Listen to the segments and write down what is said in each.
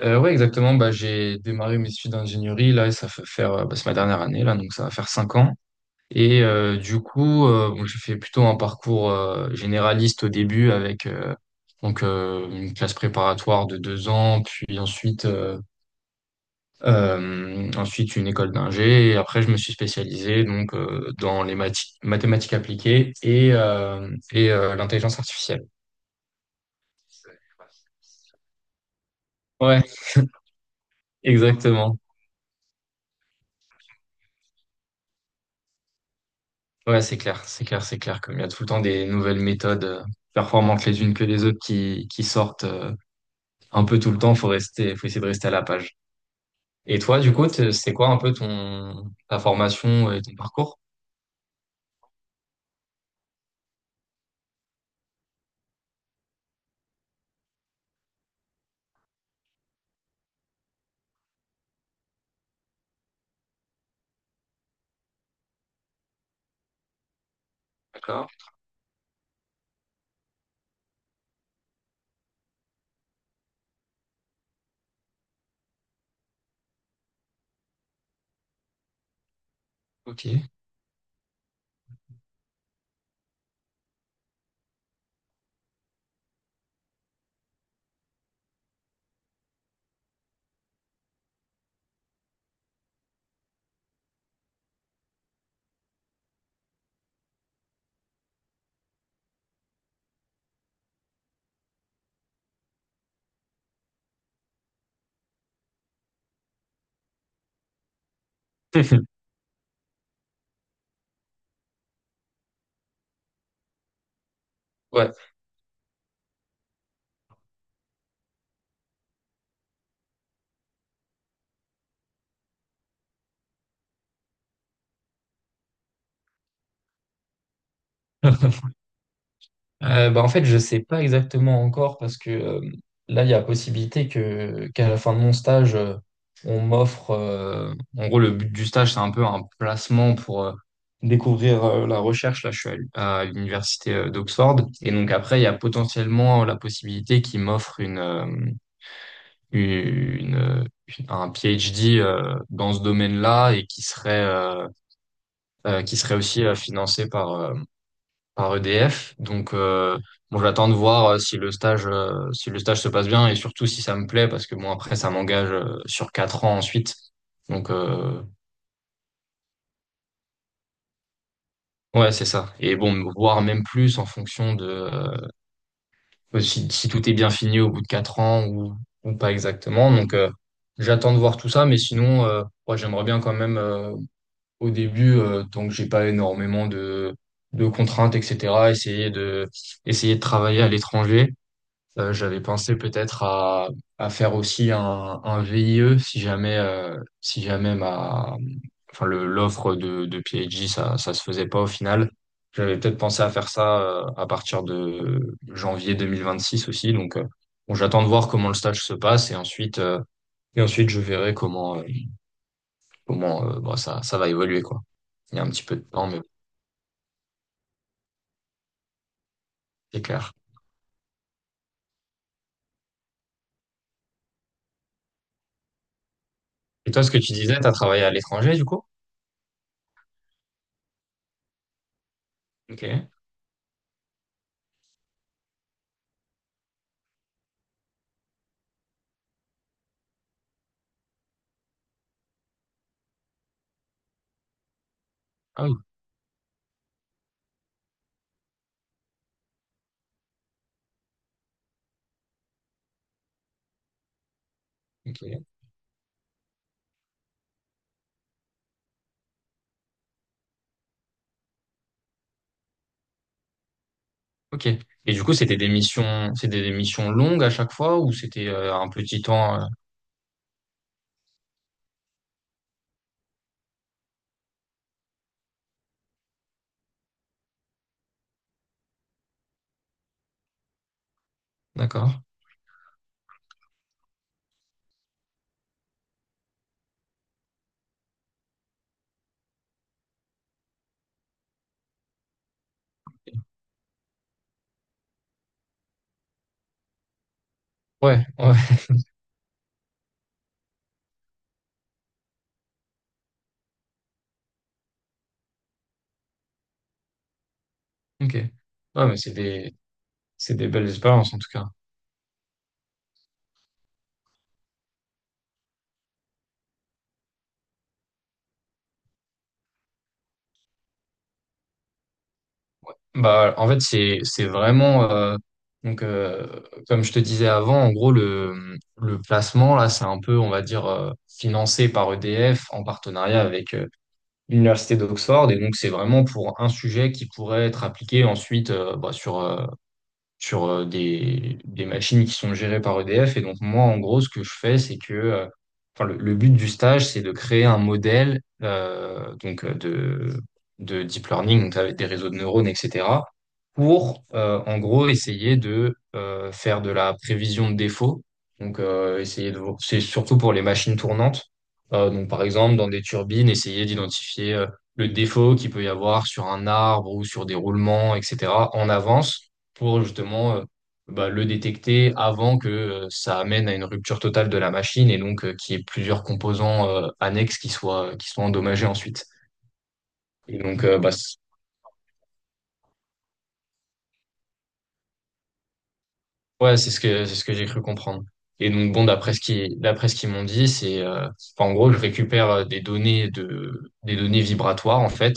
Ouais, exactement. J'ai démarré mes études d'ingénierie là, et ça fait faire, c'est ma dernière année, là, donc ça va faire 5 ans. Et du coup, bon, j'ai fait plutôt un parcours généraliste au début avec une classe préparatoire de 2 ans, puis ensuite une école d'ingé. Et après, je me suis spécialisé dans les mathématiques appliquées et l'intelligence artificielle. Ouais, exactement. Ouais, c'est clair, c'est clair, c'est clair. Comme il y a tout le temps des nouvelles méthodes performantes les unes que les autres qui sortent un peu tout le temps, faut essayer de rester à la page. Et toi, du coup, c'est quoi un peu ton ta formation et ton parcours? D'accord, ok. Ouais. En fait, je sais pas exactement encore parce que là, il y a possibilité que qu'à la fin de mon stage, on m'offre. En gros, le but du stage, c'est un peu un placement pour découvrir la recherche. Là, je suis à l'université d'Oxford. Et donc, après, il y a potentiellement la possibilité qu'ils m'offrent une, euh, un PhD dans ce domaine-là et qui serait aussi financé par EDF. Donc, bon, j'attends de voir si le stage se passe bien et surtout si ça me plaît, parce que bon, après, ça m'engage sur 4 ans ensuite. Donc, ouais, c'est ça. Et bon, voir même plus en fonction de si, si tout est bien fini au bout de 4 ans ou pas exactement. Donc, j'attends de voir tout ça, mais sinon, moi, j'aimerais bien quand même au début, tant que j'ai pas énormément de contraintes, etc., essayer de travailler à l'étranger. J'avais pensé à faire aussi un VIE si jamais, si jamais enfin l'offre de PhD, ça se faisait pas au final. J'avais peut-être pensé à faire ça à partir de janvier 2026 aussi. Donc, bon, j'attends de voir comment le stage se passe et ensuite je verrai comment, bon, ça va évoluer, quoi. Il y a un petit peu de temps, mais c'est clair. Et toi, ce que tu disais, tu as travaillé à l'étranger, du coup? Ok. Ah oui. Ok. Ok. Et du coup, c'était des missions longues à chaque fois ou c'était un petit temps. D'accord. Ouais, ouais, ok. Ouais, mais c'est des belles expériences en tout cas. C'est vraiment. Donc, euh, Comme je te disais avant, en gros, le placement là, c'est un peu, on va dire, financé par EDF en partenariat avec l'université d'Oxford. Et donc, c'est vraiment pour un sujet qui pourrait être appliqué ensuite sur des machines qui sont gérées par EDF. Et donc, moi, en gros, ce que je fais, c'est que enfin, le but du stage, c'est de créer un modèle de deep learning, donc avec des réseaux de neurones, etc., pour, en gros, essayer de faire de la prévision de défauts. Donc, c'est surtout pour les machines tournantes. Donc, par exemple, dans des turbines, essayer d'identifier le défaut qu'il peut y avoir sur un arbre ou sur des roulements, etc., en avance pour justement le détecter avant que ça amène à une rupture totale de la machine et donc qu'il y ait plusieurs composants annexes qui soient endommagés ensuite. Et donc, ouais, c'est ce que j'ai cru comprendre. Et donc, bon, d'après ce qu'ils m'ont dit, enfin, en gros, je récupère des données vibratoires, en fait,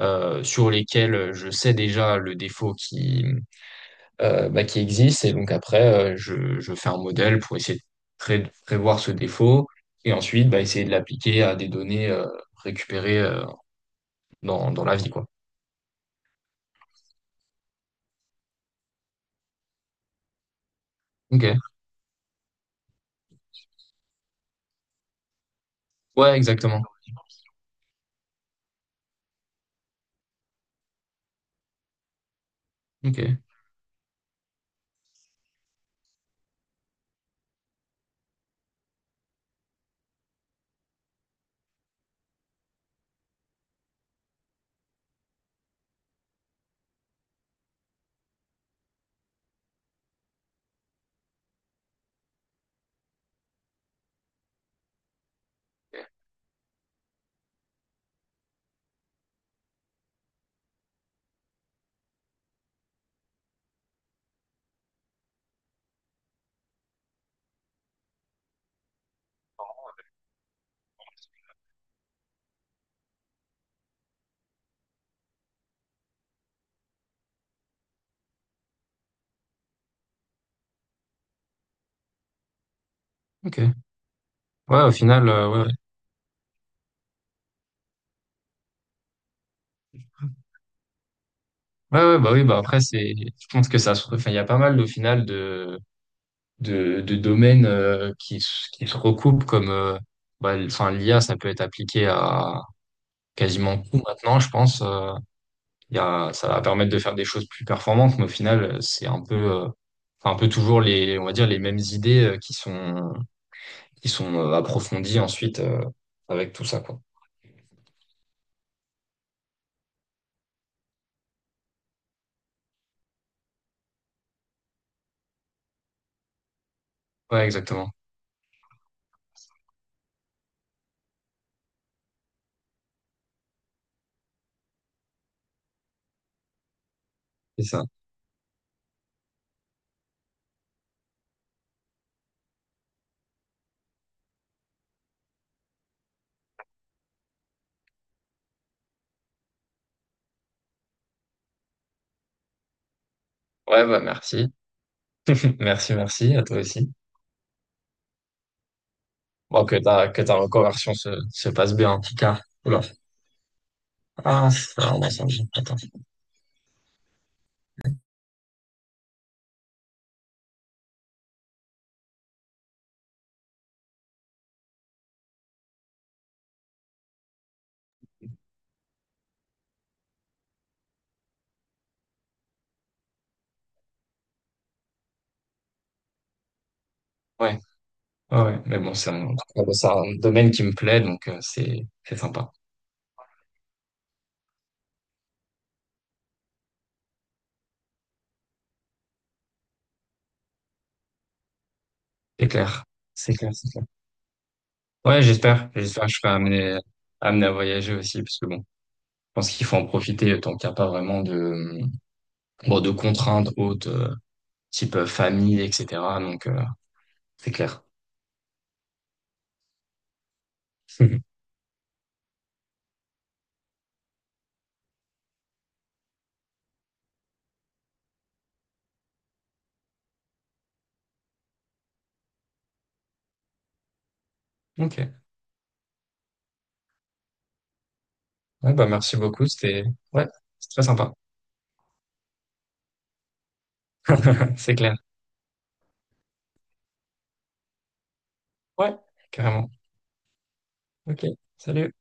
sur lesquelles je sais déjà le défaut qui existe. Et donc après, je fais un modèle pour essayer de prévoir ce défaut et ensuite bah, essayer de l'appliquer à des données récupérées dans la vie, quoi. Ok. Ouais, exactement. Ok. Ok. Ouais, au final, ouais. Ouais, ouais, bah oui, bah après, c'est, je pense que ça se, enfin, il y a pas mal, au final, de domaines qui se recoupent enfin, l'IA, ça peut être appliqué à quasiment tout maintenant, je pense. Il y a, ça va permettre de faire des choses plus performantes, mais au final, c'est un peu, enfin, un peu toujours on va dire, les mêmes idées qui sont approfondies ensuite avec tout ça, quoi. Ouais, exactement. C'est ça. Ouais, bah, merci. Merci, merci à toi aussi. Bon, que ta reconversion se passe bien, en tout cas. Oula. Ah, ça, ouais, ça me gêne. Attends. Ouais, ouais, ouais. Mais bon, c'est un domaine qui me plaît, donc c'est sympa. C'est clair. C'est clair, c'est clair. Ouais, j'espère. J'espère que je serai amené à voyager aussi, parce que bon, je pense qu'il faut en profiter tant qu'il n'y a pas vraiment de, bon, de contraintes hautes, type famille, etc. Donc, c'est clair. Ok. Ouais, bah, merci beaucoup. Ouais, c'est très sympa. C'est clair. Ouais, carrément. Ok. Salut.